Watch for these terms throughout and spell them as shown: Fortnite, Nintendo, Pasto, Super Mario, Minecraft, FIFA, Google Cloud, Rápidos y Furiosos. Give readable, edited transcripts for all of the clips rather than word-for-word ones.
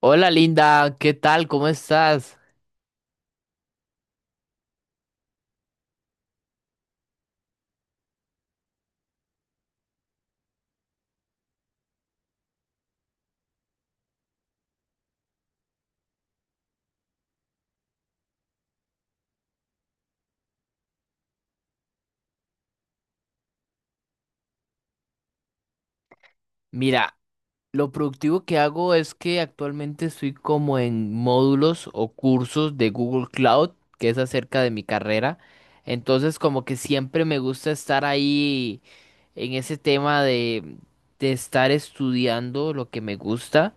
Hola Linda, ¿qué tal? ¿Cómo estás? Mira, lo productivo que hago es que actualmente estoy como en módulos o cursos de Google Cloud, que es acerca de mi carrera. Entonces, como que siempre me gusta estar ahí en ese tema de estar estudiando lo que me gusta.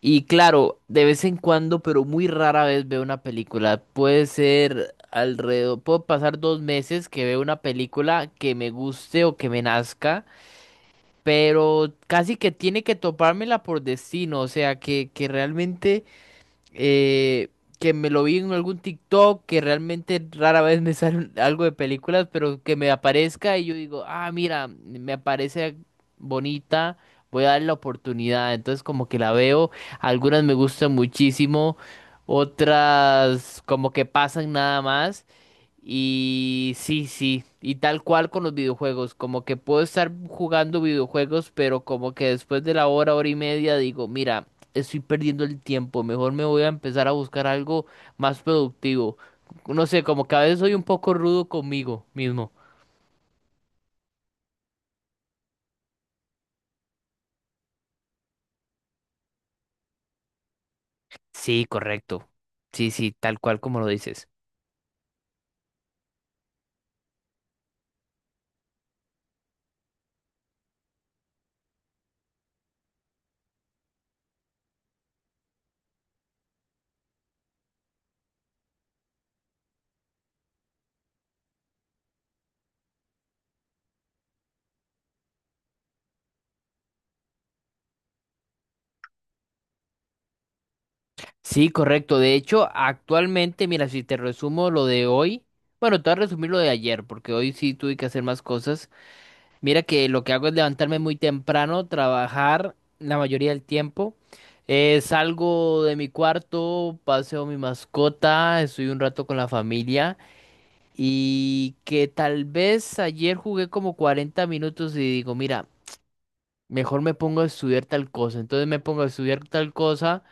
Y claro, de vez en cuando, pero muy rara vez veo una película. Puede ser alrededor, puedo pasar dos meses que veo una película que me guste o que me nazca. Pero casi que tiene que topármela por destino, o sea, que realmente, eh, que me lo vi en algún TikTok, que realmente rara vez me sale algo de películas, pero que me aparezca y yo digo, ah, mira, me parece bonita, voy a darle la oportunidad, entonces como que la veo, algunas me gustan muchísimo, otras como que pasan nada más. Y sí, sí, y tal cual con los videojuegos, como que puedo estar jugando videojuegos, pero como que después de la hora, hora y media digo, mira, estoy perdiendo el tiempo, mejor me voy a empezar a buscar algo más productivo. No sé, como que a veces soy un poco rudo conmigo mismo. Sí, correcto. Sí, sí, tal cual como lo dices. Sí, correcto. De hecho, actualmente, mira, si te resumo lo de hoy, bueno, te voy a resumir lo de ayer, porque hoy sí tuve que hacer más cosas. Mira que lo que hago es levantarme muy temprano, trabajar la mayoría del tiempo. Salgo de mi cuarto, paseo mi mascota, estoy un rato con la familia y que tal vez ayer jugué como 40 minutos y digo, mira, mejor me pongo a estudiar tal cosa. Entonces me pongo a estudiar tal cosa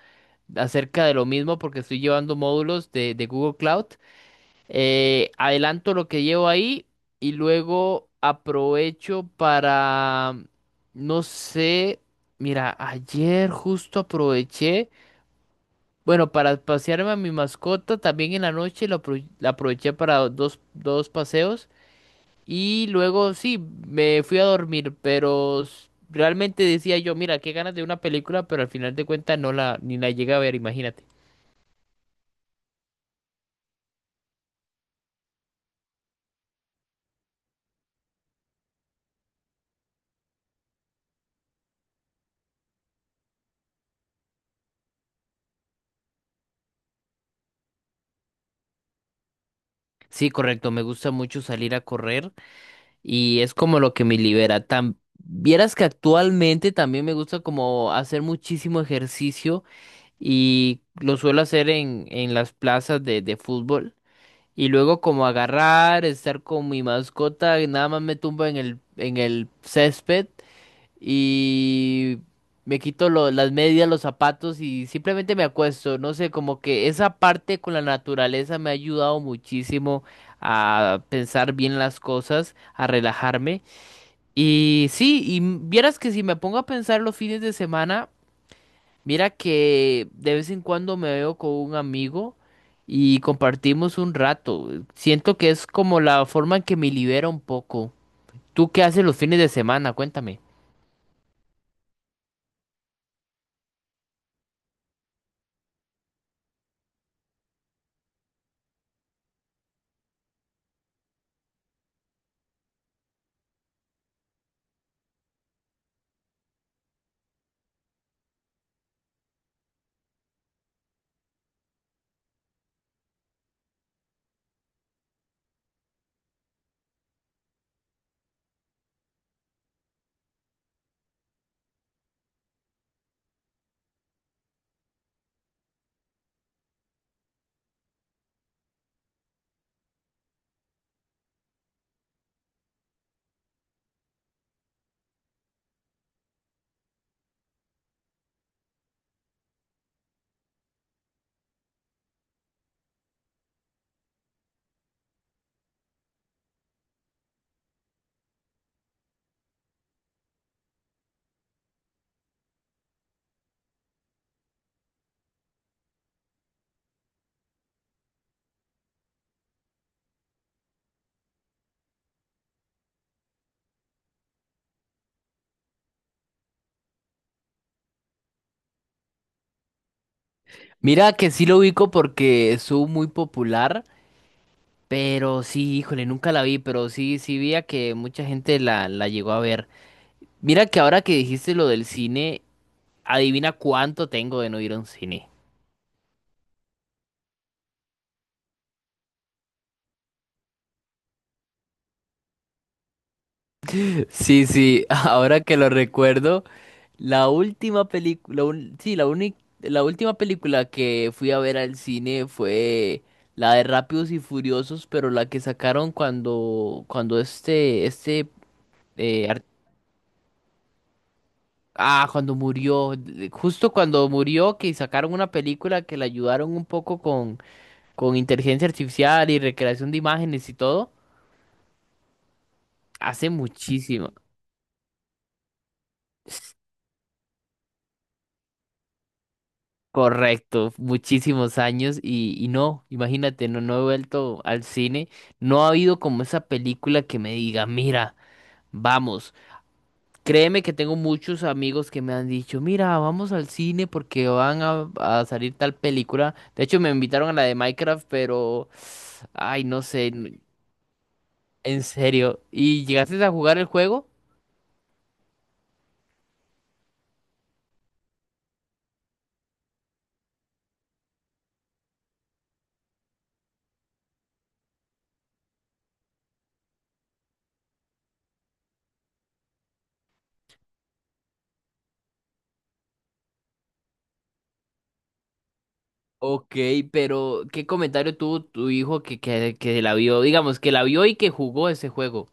acerca de lo mismo porque estoy llevando módulos de Google Cloud adelanto lo que llevo ahí y luego aprovecho para, no sé, mira, ayer justo aproveché, bueno, para pasearme a mi mascota, también en la noche la aproveché para dos paseos y luego sí, me fui a dormir, pero realmente decía yo, mira, qué ganas de una película, pero al final de cuentas no la, ni la llegué a ver, imagínate. Sí, correcto, me gusta mucho salir a correr. Y es como lo que me libera. Vieras que actualmente también me gusta como hacer muchísimo ejercicio y lo suelo hacer en las plazas de fútbol. Y luego como agarrar, estar con mi mascota, y nada más me tumbo en el césped y me quito las medias, los zapatos y simplemente me acuesto. No sé, como que esa parte con la naturaleza me ha ayudado muchísimo a pensar bien las cosas, a relajarme. Y sí, vieras que si me pongo a pensar los fines de semana, mira que de vez en cuando me veo con un amigo y compartimos un rato. Siento que es como la forma en que me libera un poco. ¿Tú qué haces los fines de semana? Cuéntame. Mira que sí lo ubico porque estuvo muy popular, pero sí, híjole, nunca la vi, pero sí, sí vi a que mucha gente la llegó a ver. Mira que ahora que dijiste lo del cine, adivina cuánto tengo de no ir a un cine. Sí, sí, ahora que lo recuerdo, la última película, sí, la única, la última película que fui a ver al cine fue la de Rápidos y Furiosos, pero la que sacaron cuando este, eh, ar- ah, cuando murió, justo cuando murió, que sacaron una película que la ayudaron un poco con inteligencia artificial y recreación de imágenes y todo, hace muchísimo. Correcto, muchísimos años y no, imagínate, no, no he vuelto al cine, no ha habido como esa película que me diga, mira, vamos, créeme que tengo muchos amigos que me han dicho, mira, vamos al cine porque van a salir tal película, de hecho me invitaron a la de Minecraft, pero, ay, no sé, en serio, ¿y llegaste a jugar el juego? Ok, pero ¿qué comentario tuvo tu hijo que la vio? Digamos, que la vio y que jugó ese juego.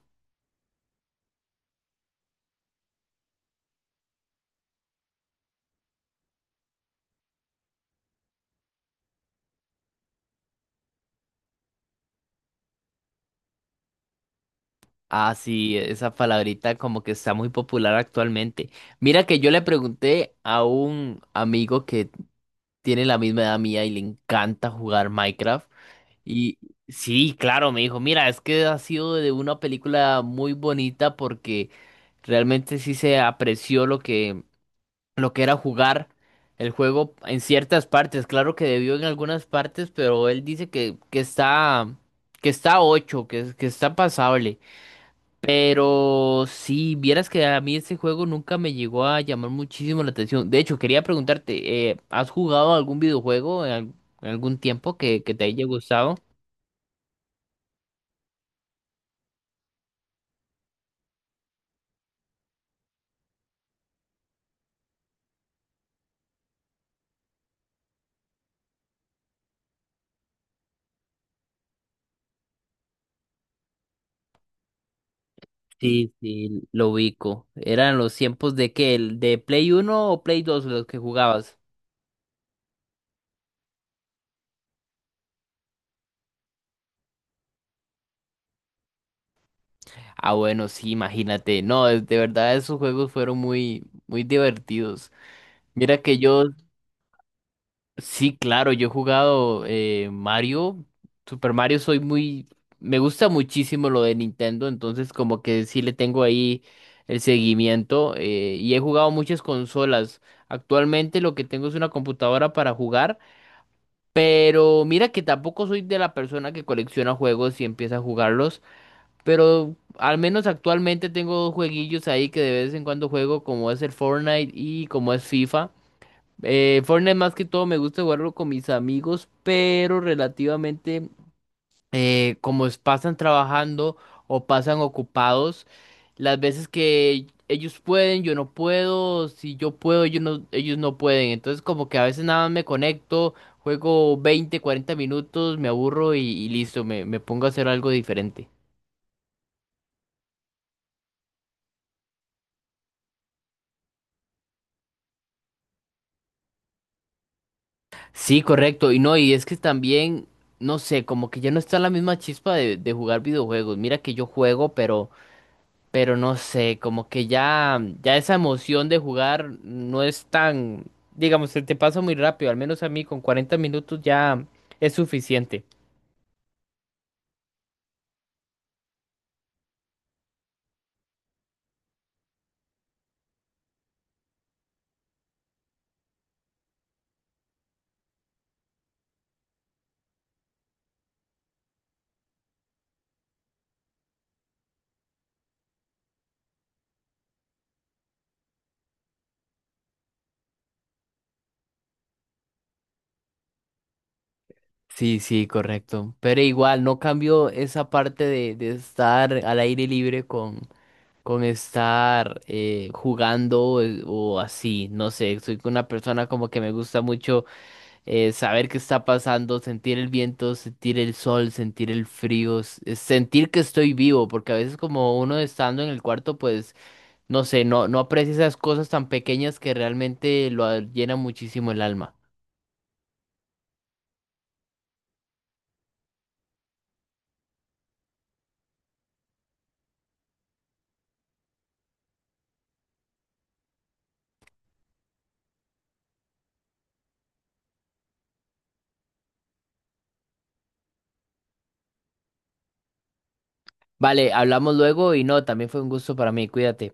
Ah, sí, esa palabrita como que está muy popular actualmente. Mira que yo le pregunté a un amigo que tiene la misma edad mía y le encanta jugar Minecraft. Y sí, claro, me dijo, mira, es que ha sido de una película muy bonita porque realmente sí se apreció lo que era jugar el juego en ciertas partes. Claro que debió en algunas partes, pero él dice que está, que, está ocho, que está pasable. Pero si vieras que a mí ese juego nunca me llegó a llamar muchísimo la atención. De hecho, quería preguntarte, ¿has jugado algún videojuego en algún tiempo que te haya gustado? Sí, sí, lo ubico. ¿Eran los tiempos de qué? ¿El ¿De Play uno o Play 2 los que jugabas? Ah, bueno, sí, imagínate. No, de verdad esos juegos fueron muy, muy divertidos. Mira que yo. Sí, claro, yo he jugado Mario, Super Mario, soy muy, me gusta muchísimo lo de Nintendo, entonces como que sí le tengo ahí el seguimiento y he jugado muchas consolas. Actualmente lo que tengo es una computadora para jugar, pero mira que tampoco soy de la persona que colecciona juegos y empieza a jugarlos, pero al menos actualmente tengo dos jueguillos ahí que de vez en cuando juego, como es el Fortnite y como es FIFA. Fortnite más que todo me gusta jugarlo con mis amigos, pero relativamente como pasan trabajando o pasan ocupados, las veces que ellos pueden, yo no puedo, si yo puedo, ellos no pueden. Entonces como que a veces nada más me conecto, juego 20 40 minutos, me aburro y listo, me pongo a hacer algo diferente. Sí, correcto, y no, y es que también, no sé, como que ya no está la misma chispa de jugar videojuegos. Mira que yo juego, pero no sé, como que ya, ya esa emoción de jugar no es tan, digamos, se te pasa muy rápido, al menos a mí con 40 minutos ya es suficiente. Sí, sí, correcto. Pero igual, no cambio esa parte de estar al aire libre con estar jugando o así. No sé, soy una persona como que me gusta mucho saber qué está pasando, sentir el viento, sentir el sol, sentir el frío, sentir que estoy vivo, porque a veces como uno estando en el cuarto, pues no sé, no, no aprecia esas cosas tan pequeñas que realmente lo llena muchísimo el alma. Vale, hablamos luego y no, también fue un gusto para mí, cuídate.